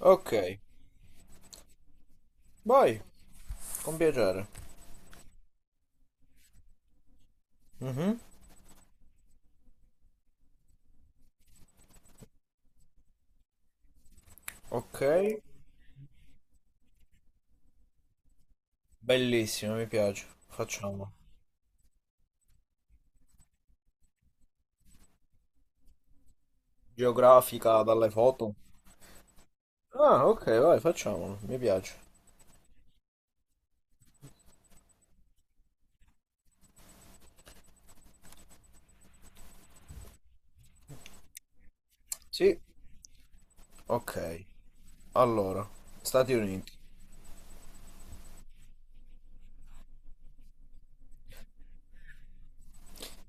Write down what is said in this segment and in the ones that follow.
Ok, vai, con piacere. Mhm. Ok, bellissimo, mi piace. Facciamo. Geografica dalle foto. Ah, ok, vai, facciamolo, mi piace. Sì, ok. Allora, Stati Uniti.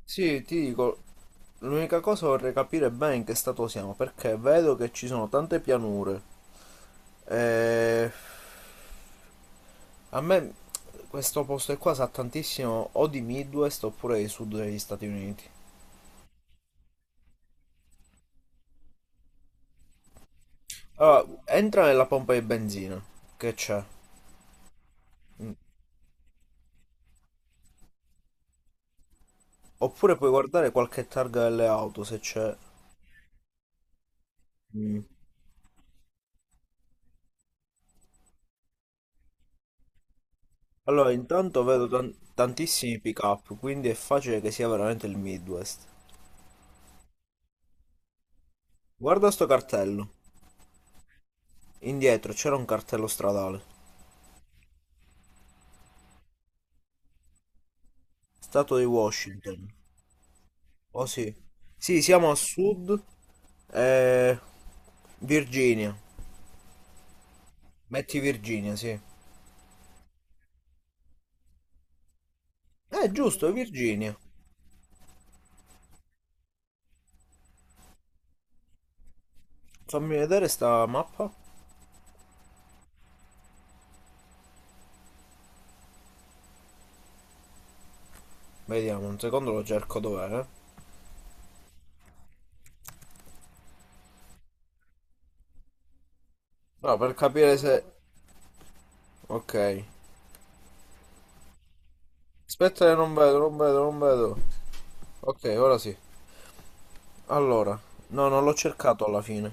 Sì, ti dico, l'unica cosa vorrei capire bene in che stato siamo, perché vedo che ci sono tante pianure. E... A me questo posto qua sa tantissimo o di Midwest oppure di Sud degli Stati Uniti. Allora, entra nella pompa di benzina, che c'è. Mm. Oppure puoi guardare qualche targa delle auto se c'è. Mm. Allora, intanto vedo tantissimi pick-up, quindi è facile che sia veramente il Midwest. Guarda sto cartello. Indietro c'era un cartello stradale. Stato di Washington. Oh sì. Sì, siamo a sud. eh, Virginia. Metti Virginia, sì. Giusto, è Virginia. Fammi vedere sta mappa. Vediamo, un secondo lo cerco dov'è. No, per capire se. Ok. Aspetta che non vedo, non vedo, non vedo. Ok, ora sì. Allora. No, non l'ho cercato alla fine.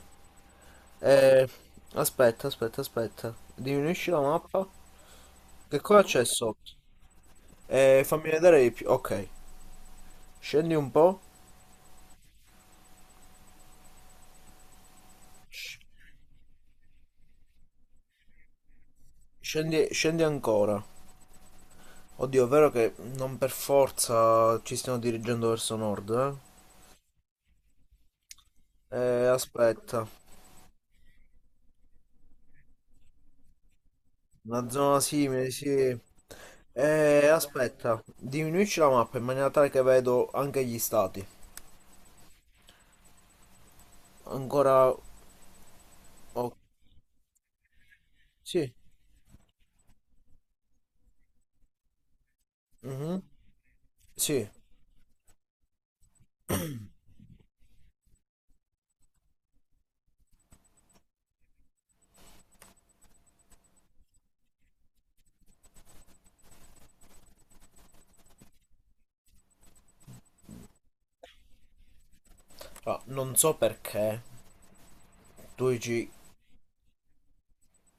Eh, aspetta, aspetta, aspetta. Diminuisci la mappa. Che cosa c'è sotto? Fammi vedere di più. Ok. Scendi un po'. Scendi, scendi ancora. Oddio, è vero che non per forza ci stiamo dirigendo verso nord, eh? Aspetta. Una zona simile, sì. Aspetta, diminuisci la mappa in maniera tale che vedo anche gli stati. Ancora. Oh, sì. Mhm. Sì. Ah, non so perché. Luigi,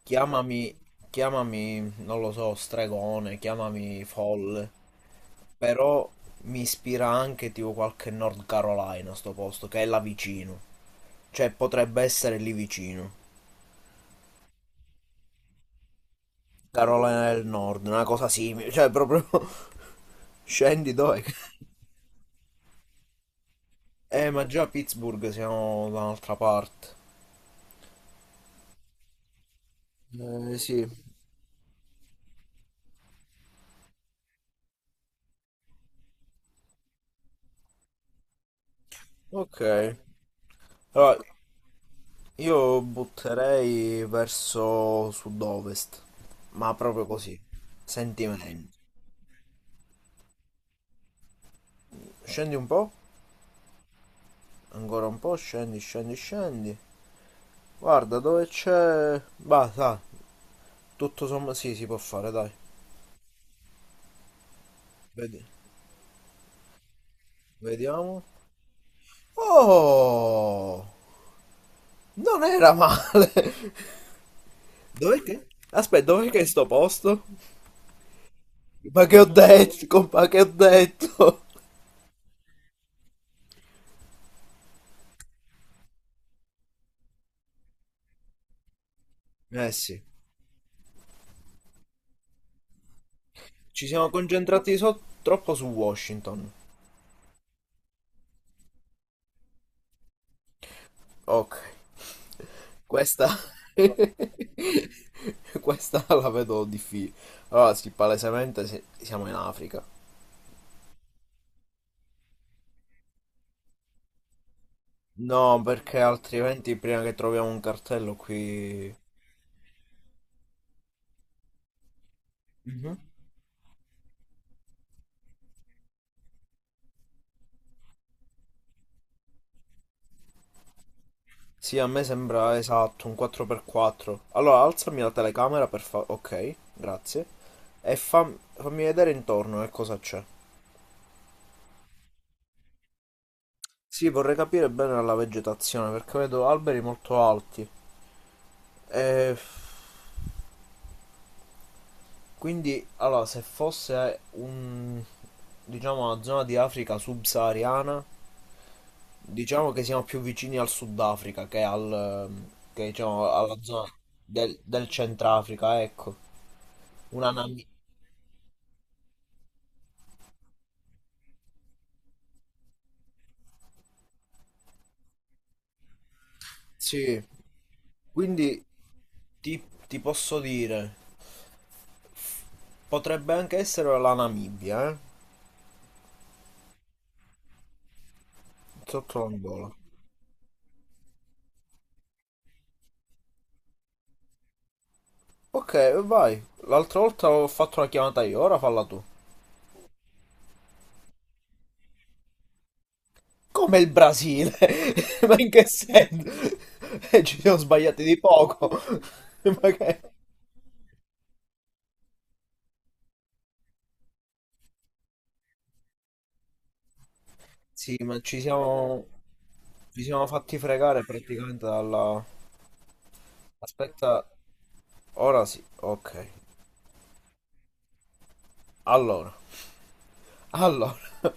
chiamami... Chiamami, non lo so, stregone, chiamami folle. Però mi ispira anche tipo qualche North Carolina, sto posto, che è là vicino. Cioè, potrebbe essere lì vicino. Carolina del Nord, una cosa simile. Cioè, proprio. Scendi dove? Ma già a Pittsburgh siamo da un'altra parte. Sì. Ok. Allora, io butterei verso sud-ovest, ma proprio così. Sentimenti. Scendi un po', ancora un po', scendi, scendi, scendi. Guarda dove c'è. Bah, sa, tutto sommato. Sì, si può fare, dai. Vedi- Vediamo. Oh! Non era male! Dov'è che? Aspetta, dov'è che è sto posto? Ma che ho detto, ma che ho detto? Eh sì, ci siamo concentrati troppo su Washington. Ok, questa, questa la vedo difficile. Allora, sì, palesemente siamo in Africa. No, perché altrimenti prima che troviamo un cartello qui. Sì, a me sembra esatto, un 4x4. Allora, alzami la telecamera. Ok, grazie. E fammi vedere intorno che cosa c'è. Sì, vorrei capire bene la vegetazione perché vedo alberi molto alti. E quindi, allora, se fosse un, diciamo, una zona di Africa subsahariana, diciamo che siamo più vicini al Sudafrica che che, diciamo, alla zona del Centrafrica, ecco. Una Namibia. Sì, quindi ti, ti posso dire, potrebbe anche essere la Namibia, eh? Sotto l'Angola. Ok, vai. L'altra volta ho fatto la chiamata io, ora falla tu. Come il Brasile? Ma in che senso? Ci siamo sbagliati di poco. Ma che. Sì, ma ci siamo fatti fregare praticamente dalla. Aspetta, ora sì, ok. Allora, allora,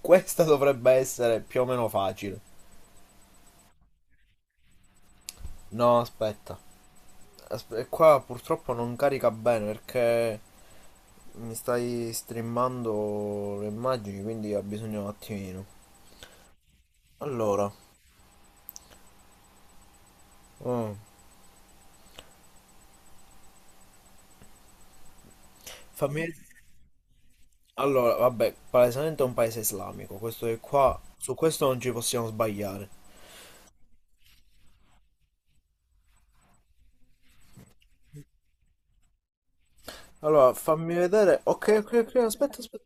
questa dovrebbe essere più o meno facile. No, aspetta. Qua purtroppo non carica bene perché mi stai streamando le immagini, quindi ha bisogno un attimino. Allora, oh, fammi. Allora, vabbè, palesemente è un paese islamico, questo è qua, su questo non ci possiamo sbagliare. Allora, fammi vedere. Ok, ok, ok, aspetta, aspetta.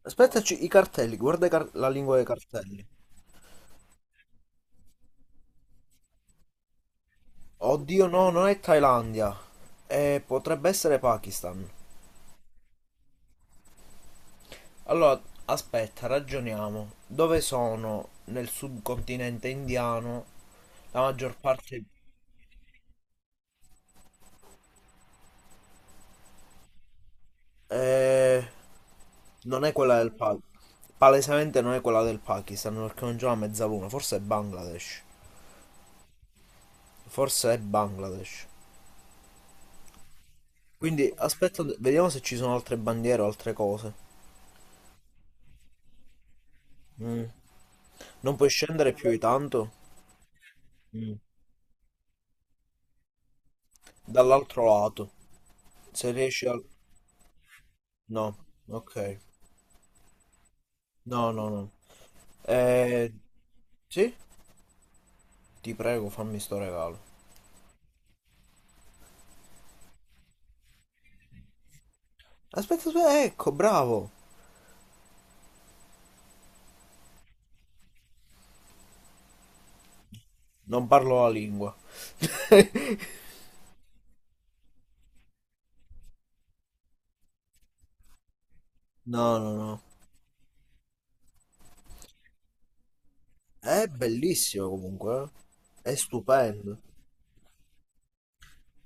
Aspettaci i cartelli, guarda i la lingua dei cartelli. Oddio, no, non è Thailandia. Potrebbe essere Pakistan. Allora, aspetta, ragioniamo. Dove sono nel subcontinente indiano la maggior parte. Eh, non è quella del Pakistan. Palesemente non è quella del Pakistan perché non c'è una mezzaluna. Forse è Bangladesh. Forse è Bangladesh. Quindi aspetta, vediamo se ci sono altre bandiere o altre cose. Non puoi scendere più di tanto. Mm. Dall'altro lato. Se riesci al. No, ok. No, no, no. Eh, sì? Ti prego, fammi sto regalo. Aspetta, aspetta, ecco, bravo. Non parlo la lingua. No, no, no. È bellissimo comunque, eh. È stupendo.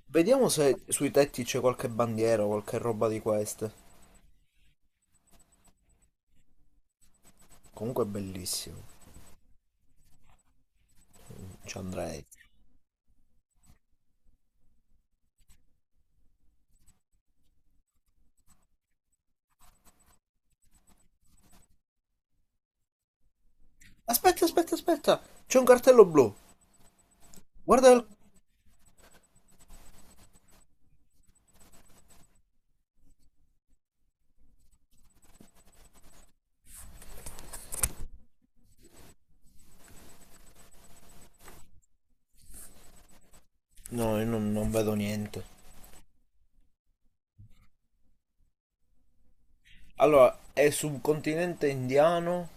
Vediamo se sui tetti c'è qualche bandiera o qualche roba di queste. Comunque è bellissimo. Ci andrei. Aspetta, aspetta, aspetta! C'è un cartello blu. Guarda il. No, io non vedo niente. Allora, è sul continente indiano,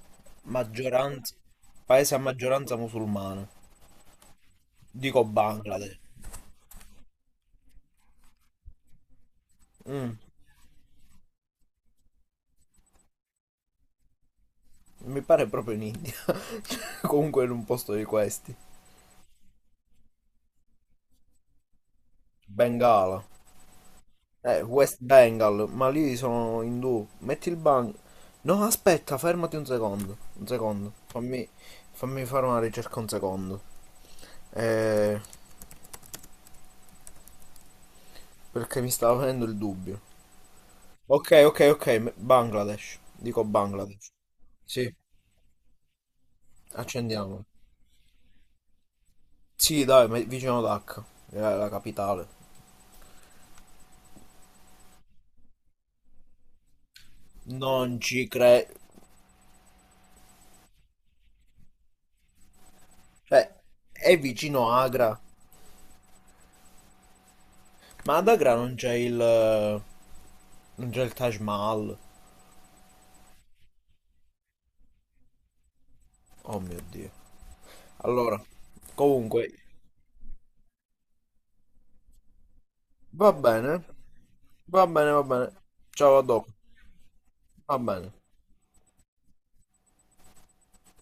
maggioranza... paese a maggioranza musulmana. Dico Bangladesh. Mm, mi pare proprio in India. Comunque in un posto di questi. Bengala. West Bengal, ma lì sono indù. Metti il ban. No, aspetta, fermati un secondo. Un secondo. Fammi fare una ricerca un secondo. Eh, perché mi stava venendo il dubbio. Ok, ok, ok. Bangladesh. Dico Bangladesh. Sì, accendiamo. Sì, dai, ma è vicino Dhaka, è la capitale. Non ci credo. Cioè, è vicino Agra. Ma ad Agra non c'è il, non c'è il Taj Mahal. Oh mio Dio. Allora, comunque, va bene, va bene, va bene. Ciao, a dopo. Va bene.